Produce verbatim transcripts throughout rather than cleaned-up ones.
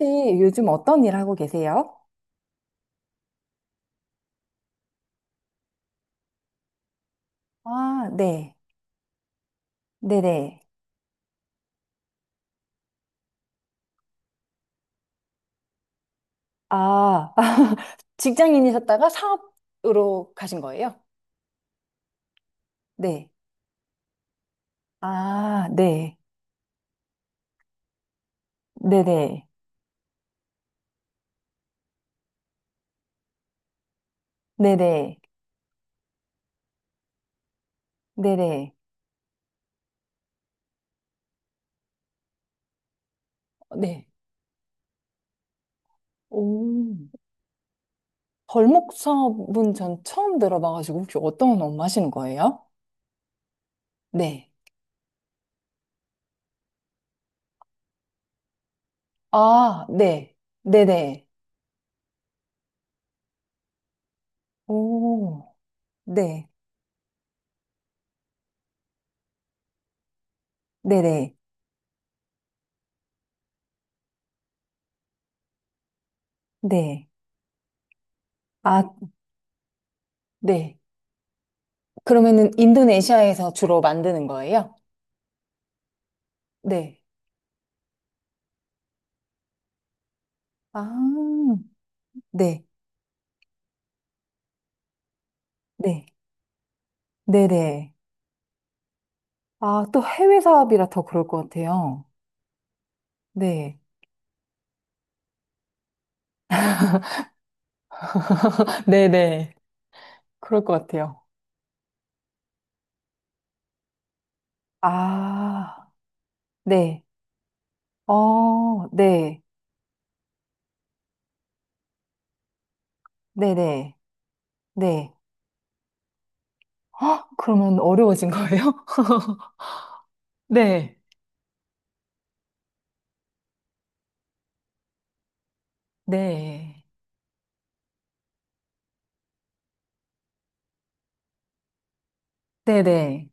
혹시 요즘 어떤 일 하고 계세요? 아, 네. 네네. 아, 직장인이셨다가 사업으로 가신 거예요? 네. 아, 네. 네네. 네네. 네네. 네. 오. 벌목 사업은 전 처음 들어봐가지고 혹시 어떤 업무 하시는 거예요? 네. 아, 네. 네네. 오. 네. 네네. 네. 아, 네. 그러면은 인도네시아에서 주로 만드는 거예요? 네. 아, 네. 네. 네네. 아, 또 해외 사업이라 더 그럴 것 같아요. 네. 네네. 그럴 것 같아요. 아, 네. 어, 네. 네네. 네. 헉, 그러면 어려워진 거예요? 네. 네. 네네.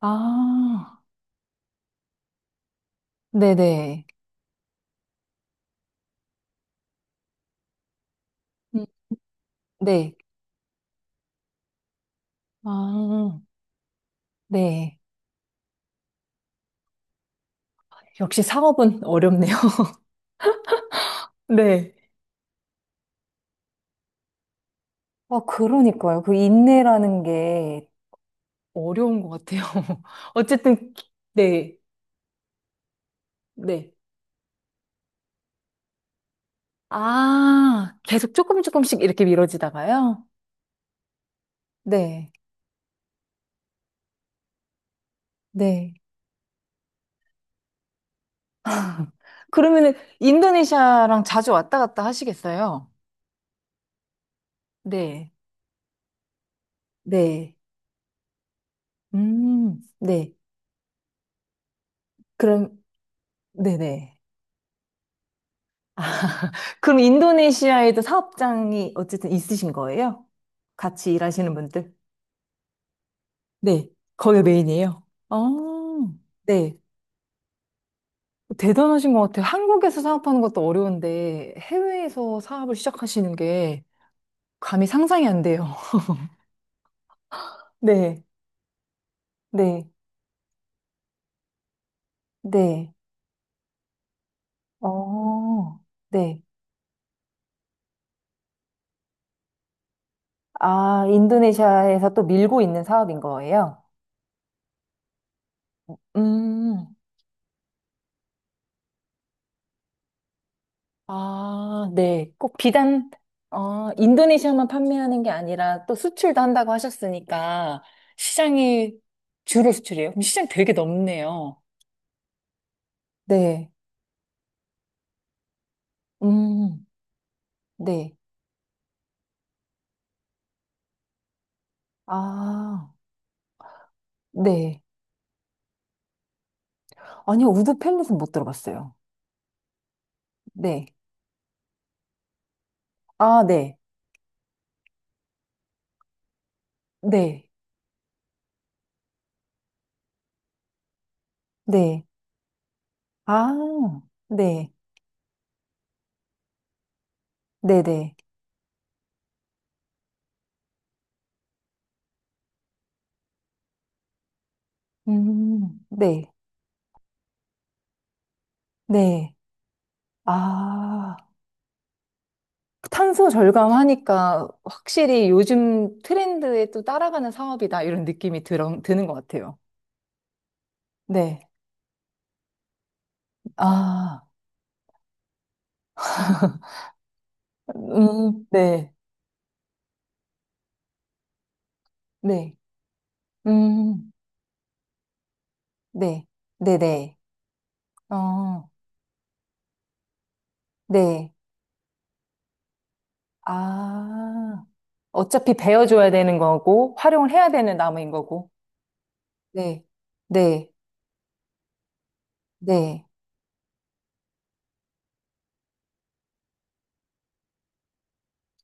아, 네네. 음, 네. 아, 네. 역시 사업은 어렵네요. 네. 아, 그러니까요. 그 인내라는 게 어려운 것 같아요. 어쨌든, 기- 네, 네. 아, 계속 조금 조금씩 이렇게 미뤄지다가요? 네, 네. 그러면은 인도네시아랑 자주 왔다 갔다 하시겠어요? 네, 네. 음, 네. 그럼, 네네. 그럼 인도네시아에도 사업장이 어쨌든 있으신 거예요? 같이 일하시는 분들? 네. 거기 메인이에요. 어, 네. 대단하신 것 같아요. 한국에서 사업하는 것도 어려운데 해외에서 사업을 시작하시는 게 감히 상상이 안 돼요. 네, 네, 네. 어, 네. 아, 인도네시아에서 또 밀고 있는 사업인 거예요? 음, 아, 네. 꼭 비단, 어, 인도네시아만 판매하는 게 아니라 또 수출도 한다고 하셨으니까 시장이 주로 수출이에요? 그럼 시장 되게 넓네요. 네, 음, 네. 아. 네. 아니요, 우드 팰릿은 못 들어봤어요. 네. 아, 네. 네. 네. 아, 네. 네네. 음, 네. 네. 아, 탄소 절감하니까 확실히 요즘 트렌드에 또 따라가는 사업이다, 이런 느낌이 들어, 드는 것 같아요. 네. 아, 음, 네. 네. 음, 네. 네네. 어, 네. 아. 어차피 베어줘야 되는 거고, 활용을 해야 되는 나무인 거고. 네, 네, 네.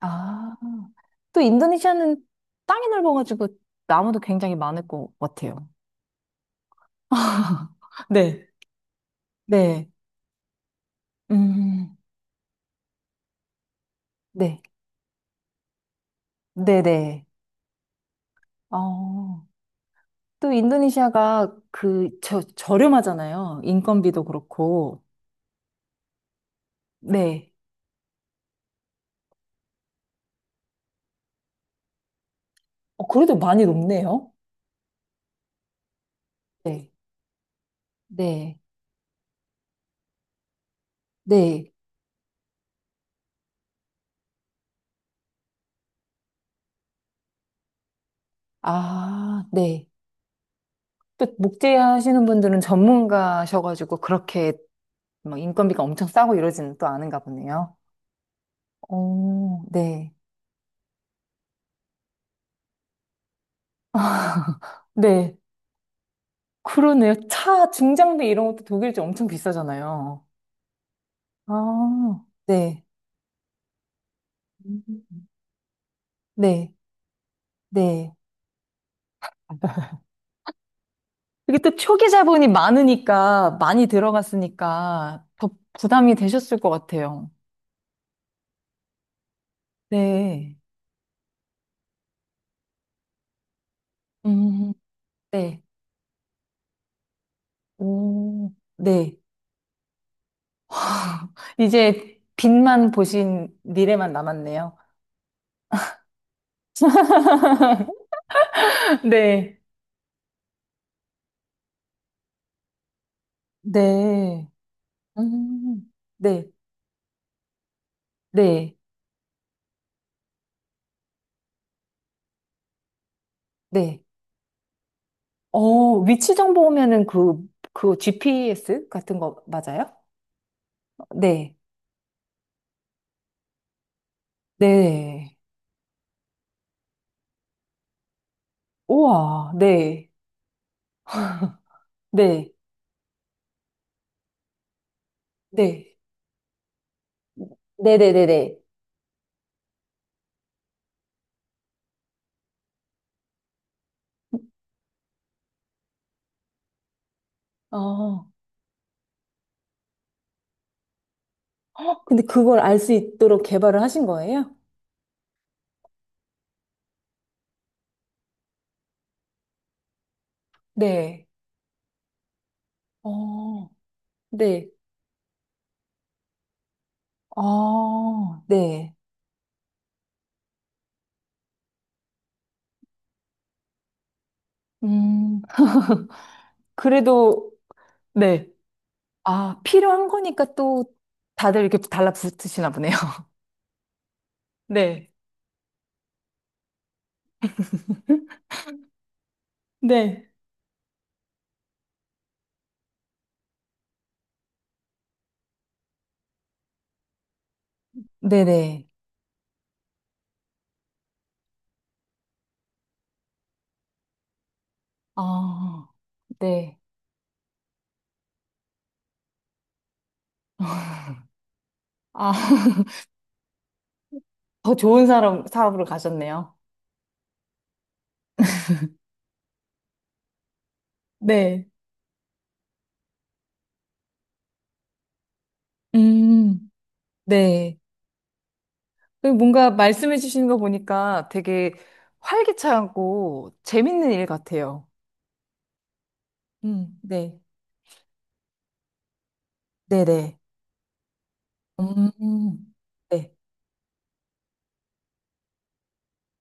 아, 또 인도네시아는 땅이 넓어가지고 나무도 굉장히 많을 것 같아요. 네, 네, 음, 네, 네, 네. 어, 또 인도네시아가 그, 저, 저렴하잖아요. 인건비도 그렇고. 네, 어, 그래도 많이 높네요. 네, 네, 네, 아, 네. 또 목재 하시는 분들은 전문가셔가지고 그렇게 막 인건비가 엄청 싸고 이러지는 또 않은가 보네요. 오 네. 네. 그러네요. 차 중장비 이런 것도 독일제 엄청 비싸잖아요. 아, 네. 네. 네. 이게 또 초기 자본이 많으니까, 많이 들어갔으니까 더 부담이 되셨을 것 같아요. 네. 음, 네. 오, 네. 이제 빛만 보신 미래만 남았네요. 네. 네. 음, 네. 네. 네. 어, 위치 정보 오면은 그, 그 지피에스 같은 거 맞아요? 네. 네. 우와. 네. 네. 네. 네네네네. 어. 근데 그걸 알 수 있도록 개발을 하신 거예요? 네. 어. 네. 아 네. 음. 그래도, 네. 아, 필요한 거니까 또 다들 이렇게 달라붙으시나 보네요. 네. 네. 네네. 아, 네. 아, 더 좋은 사람, 사업으로 가셨네요. 네. 음, 네. 그 뭔가 말씀해 주시는 거 보니까 되게 활기차고 재밌는 일 같아요. 음, 네. 네네. 음, 네.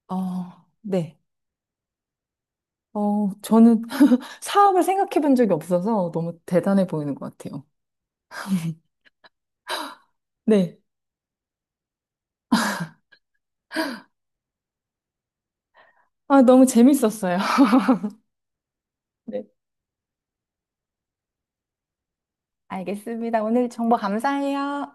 어, 네. 어, 저는 사업을 생각해 본 적이 없어서 너무 대단해 보이는 것 같아요. 네. 아, 너무 재밌었어요. 네. 알겠습니다. 오늘 정보 감사해요.